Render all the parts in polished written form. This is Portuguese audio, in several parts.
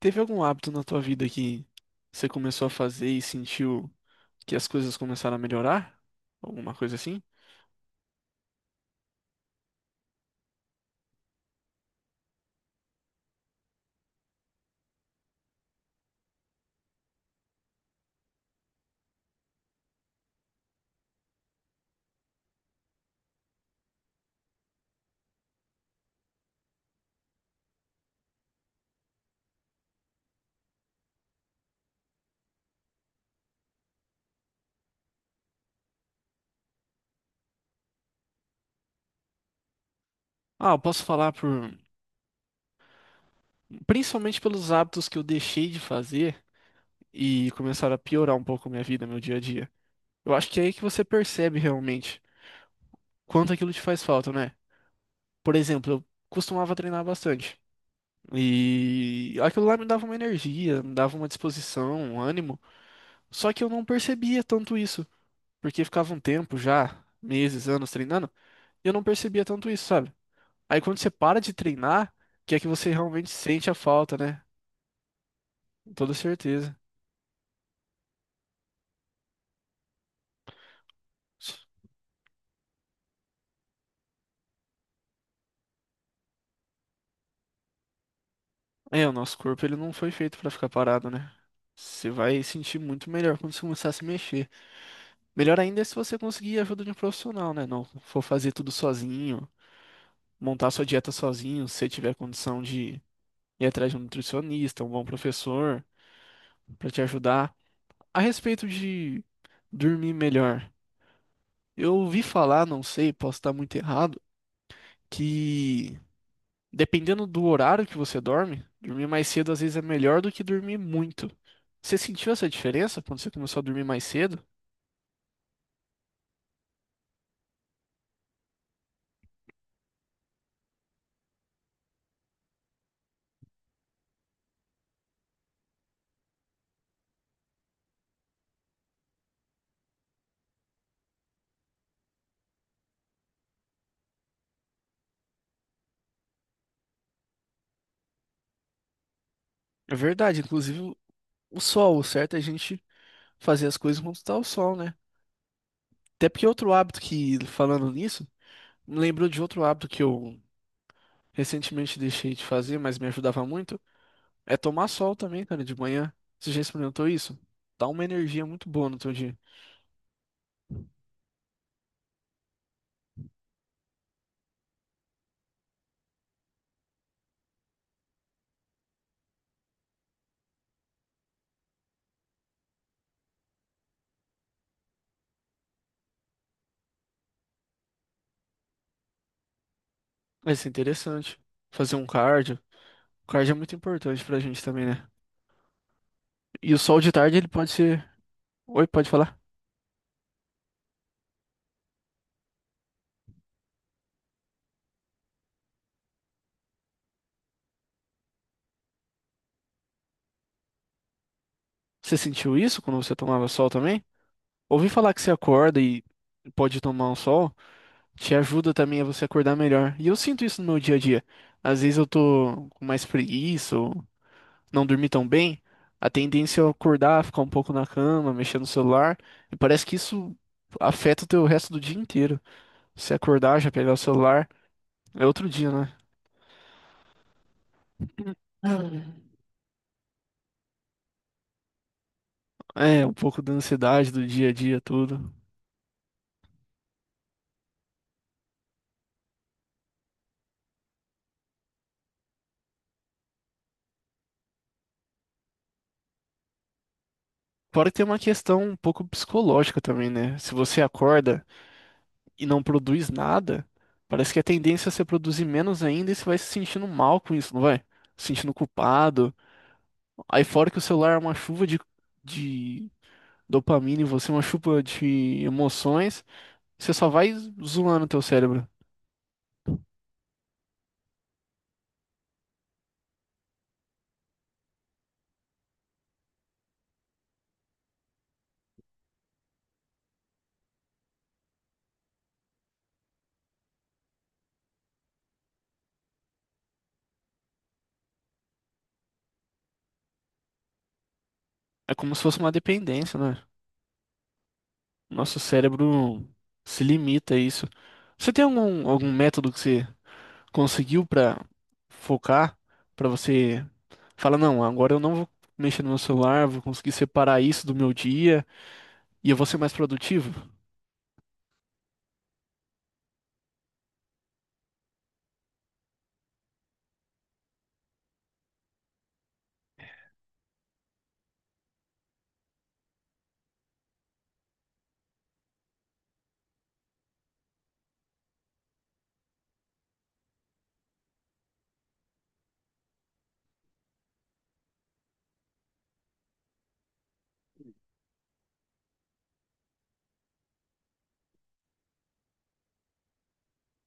Teve algum hábito na tua vida que você começou a fazer e sentiu que as coisas começaram a melhorar? Alguma coisa assim? Ah, eu posso falar por, principalmente pelos hábitos que eu deixei de fazer e começaram a piorar um pouco minha vida, meu dia a dia. Eu acho que é aí que você percebe realmente quanto aquilo te faz falta, né? Por exemplo, eu costumava treinar bastante. E aquilo lá me dava uma energia, me dava uma disposição, um ânimo, só que eu não percebia tanto isso. Porque ficava um tempo já, meses, anos treinando, e eu não percebia tanto isso, sabe? Aí quando você para de treinar, que é que você realmente sente a falta, né? Com toda certeza. É, o nosso corpo ele não foi feito pra ficar parado, né? Você vai sentir muito melhor quando você começar a se mexer. Melhor ainda é se você conseguir a ajuda de um profissional, né? Não for fazer tudo sozinho, montar sua dieta sozinho, se você tiver condição de ir atrás de um nutricionista, um bom professor pra te ajudar. A respeito de dormir melhor. Eu ouvi falar, não sei, posso estar muito errado, que dependendo do horário que você dorme, dormir mais cedo às vezes é melhor do que dormir muito. Você sentiu essa diferença quando você começou a dormir mais cedo? É verdade, inclusive o sol, o certo é a gente fazer as coisas quando está o sol, né? Até porque outro hábito que, falando nisso, me lembrou de outro hábito que eu recentemente deixei de fazer, mas me ajudava muito. É tomar sol também, cara, de manhã. Você já experimentou isso? Dá uma energia muito boa no teu dia. Vai ser interessante. Fazer um cardio. O cardio é muito importante pra gente também, né? E o sol de tarde, ele pode ser. Oi, pode falar. Você sentiu isso quando você tomava sol também? Ouvi falar que você acorda e pode tomar um sol, te ajuda também a você acordar melhor. E eu sinto isso no meu dia a dia. Às vezes eu tô com mais preguiça ou não dormi tão bem. A tendência é acordar, ficar um pouco na cama, mexer no celular. E parece que isso afeta o teu resto do dia inteiro. Você acordar, já pegar o celular, é outro dia, né? É, um pouco da ansiedade do dia a dia, tudo. Fora que tem uma questão um pouco psicológica também, né? Se você acorda e não produz nada, parece que a tendência é você produzir menos ainda e você vai se sentindo mal com isso, não vai? Se sentindo culpado. Aí fora que o celular é uma chuva de dopamina em você, uma chuva de emoções. Você só vai zoando o teu cérebro. É como se fosse uma dependência, né? Nosso cérebro se limita a isso. Você tem algum método que você conseguiu pra focar, pra você fala, não, agora eu não vou mexer no meu celular, vou conseguir separar isso do meu dia e eu vou ser mais produtivo.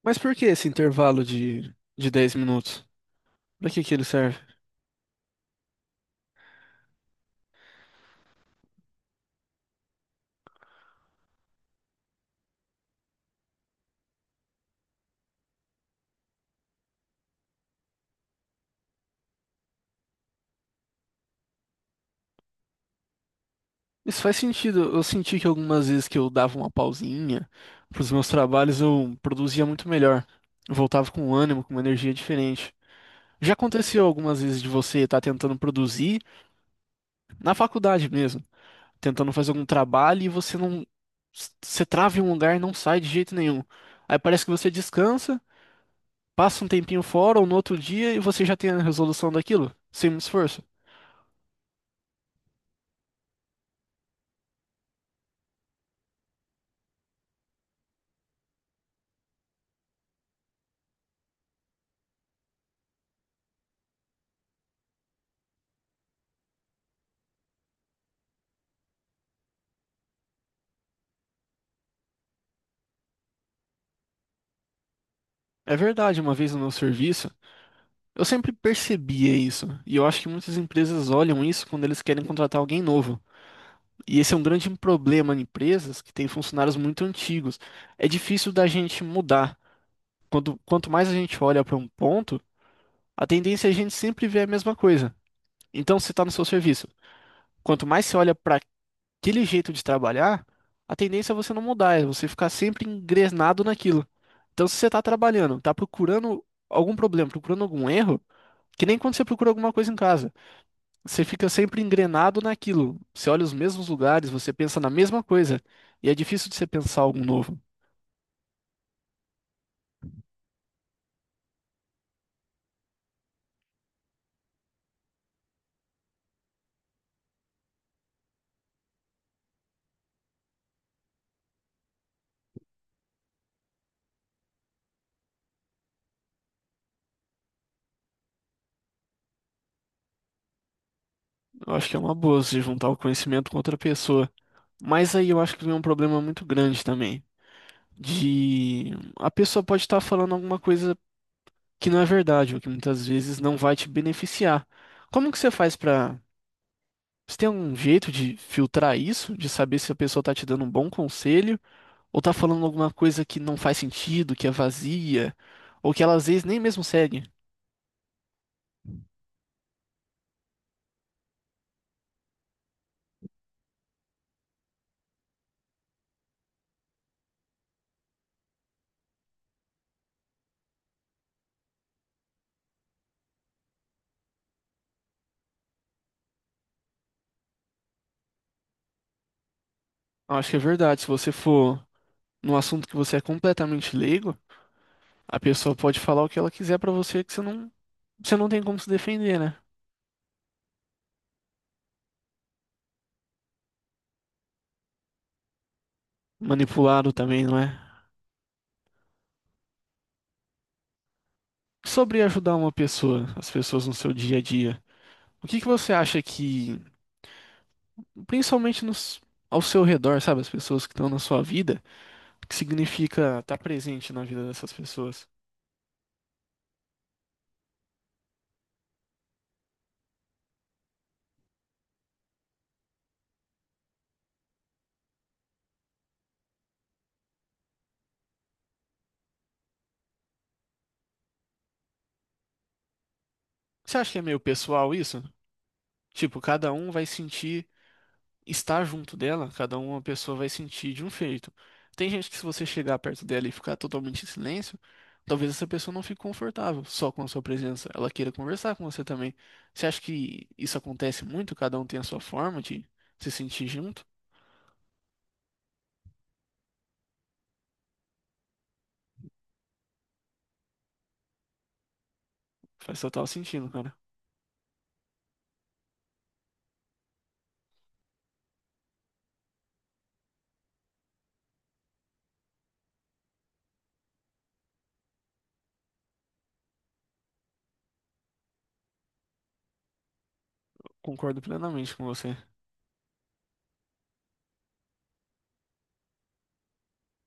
Mas por que esse intervalo de 10 minutos? Pra que que ele serve? Isso faz sentido. Eu senti que algumas vezes que eu dava uma pausinha pros meus trabalhos, eu produzia muito melhor. Eu voltava com ânimo, com uma energia diferente. Já aconteceu algumas vezes de você estar tentando produzir na faculdade mesmo, tentando fazer algum trabalho e você não, você trava em um lugar e não sai de jeito nenhum. Aí parece que você descansa. Passa um tempinho fora ou no outro dia e você já tem a resolução daquilo, sem muito esforço. É verdade, uma vez no meu serviço, eu sempre percebia isso, e eu acho que muitas empresas olham isso quando eles querem contratar alguém novo. E esse é um grande problema em empresas que têm funcionários muito antigos. É difícil da gente mudar. Quando, quanto mais a gente olha para um ponto, a tendência é a gente sempre ver a mesma coisa. Então, se está no seu serviço, quanto mais você olha para aquele jeito de trabalhar, a tendência é você não mudar, é você ficar sempre engrenado naquilo. Então, se você está trabalhando, está procurando algum problema, procurando algum erro, que nem quando você procura alguma coisa em casa, você fica sempre engrenado naquilo. Você olha os mesmos lugares, você pensa na mesma coisa, e é difícil de você pensar algo novo. Eu acho que é uma boa você juntar o conhecimento com outra pessoa. Mas aí eu acho que vem um problema muito grande também. De a pessoa pode estar falando alguma coisa que não é verdade, ou que muitas vezes não vai te beneficiar. Como que você faz para. Você tem um jeito de filtrar isso, de saber se a pessoa tá te dando um bom conselho, ou tá falando alguma coisa que não faz sentido, que é vazia, ou que ela às vezes nem mesmo segue? Eu acho que é verdade. Se você for num assunto que você é completamente leigo, a pessoa pode falar o que ela quiser pra você que você não tem como se defender, né? Manipulado também, não é? Sobre ajudar uma pessoa, as pessoas no seu dia a dia, o que que você acha que, principalmente nos, ao seu redor, sabe, as pessoas que estão na sua vida, o que significa estar presente na vida dessas pessoas? Você acha que é meio pessoal isso? Tipo, cada um vai sentir estar junto dela, cada uma pessoa vai sentir de um jeito. Tem gente que se você chegar perto dela e ficar totalmente em silêncio, talvez essa pessoa não fique confortável só com a sua presença. Ela queira conversar com você também. Você acha que isso acontece muito? Cada um tem a sua forma de se sentir junto? Faz total sentido, cara. Concordo plenamente com você.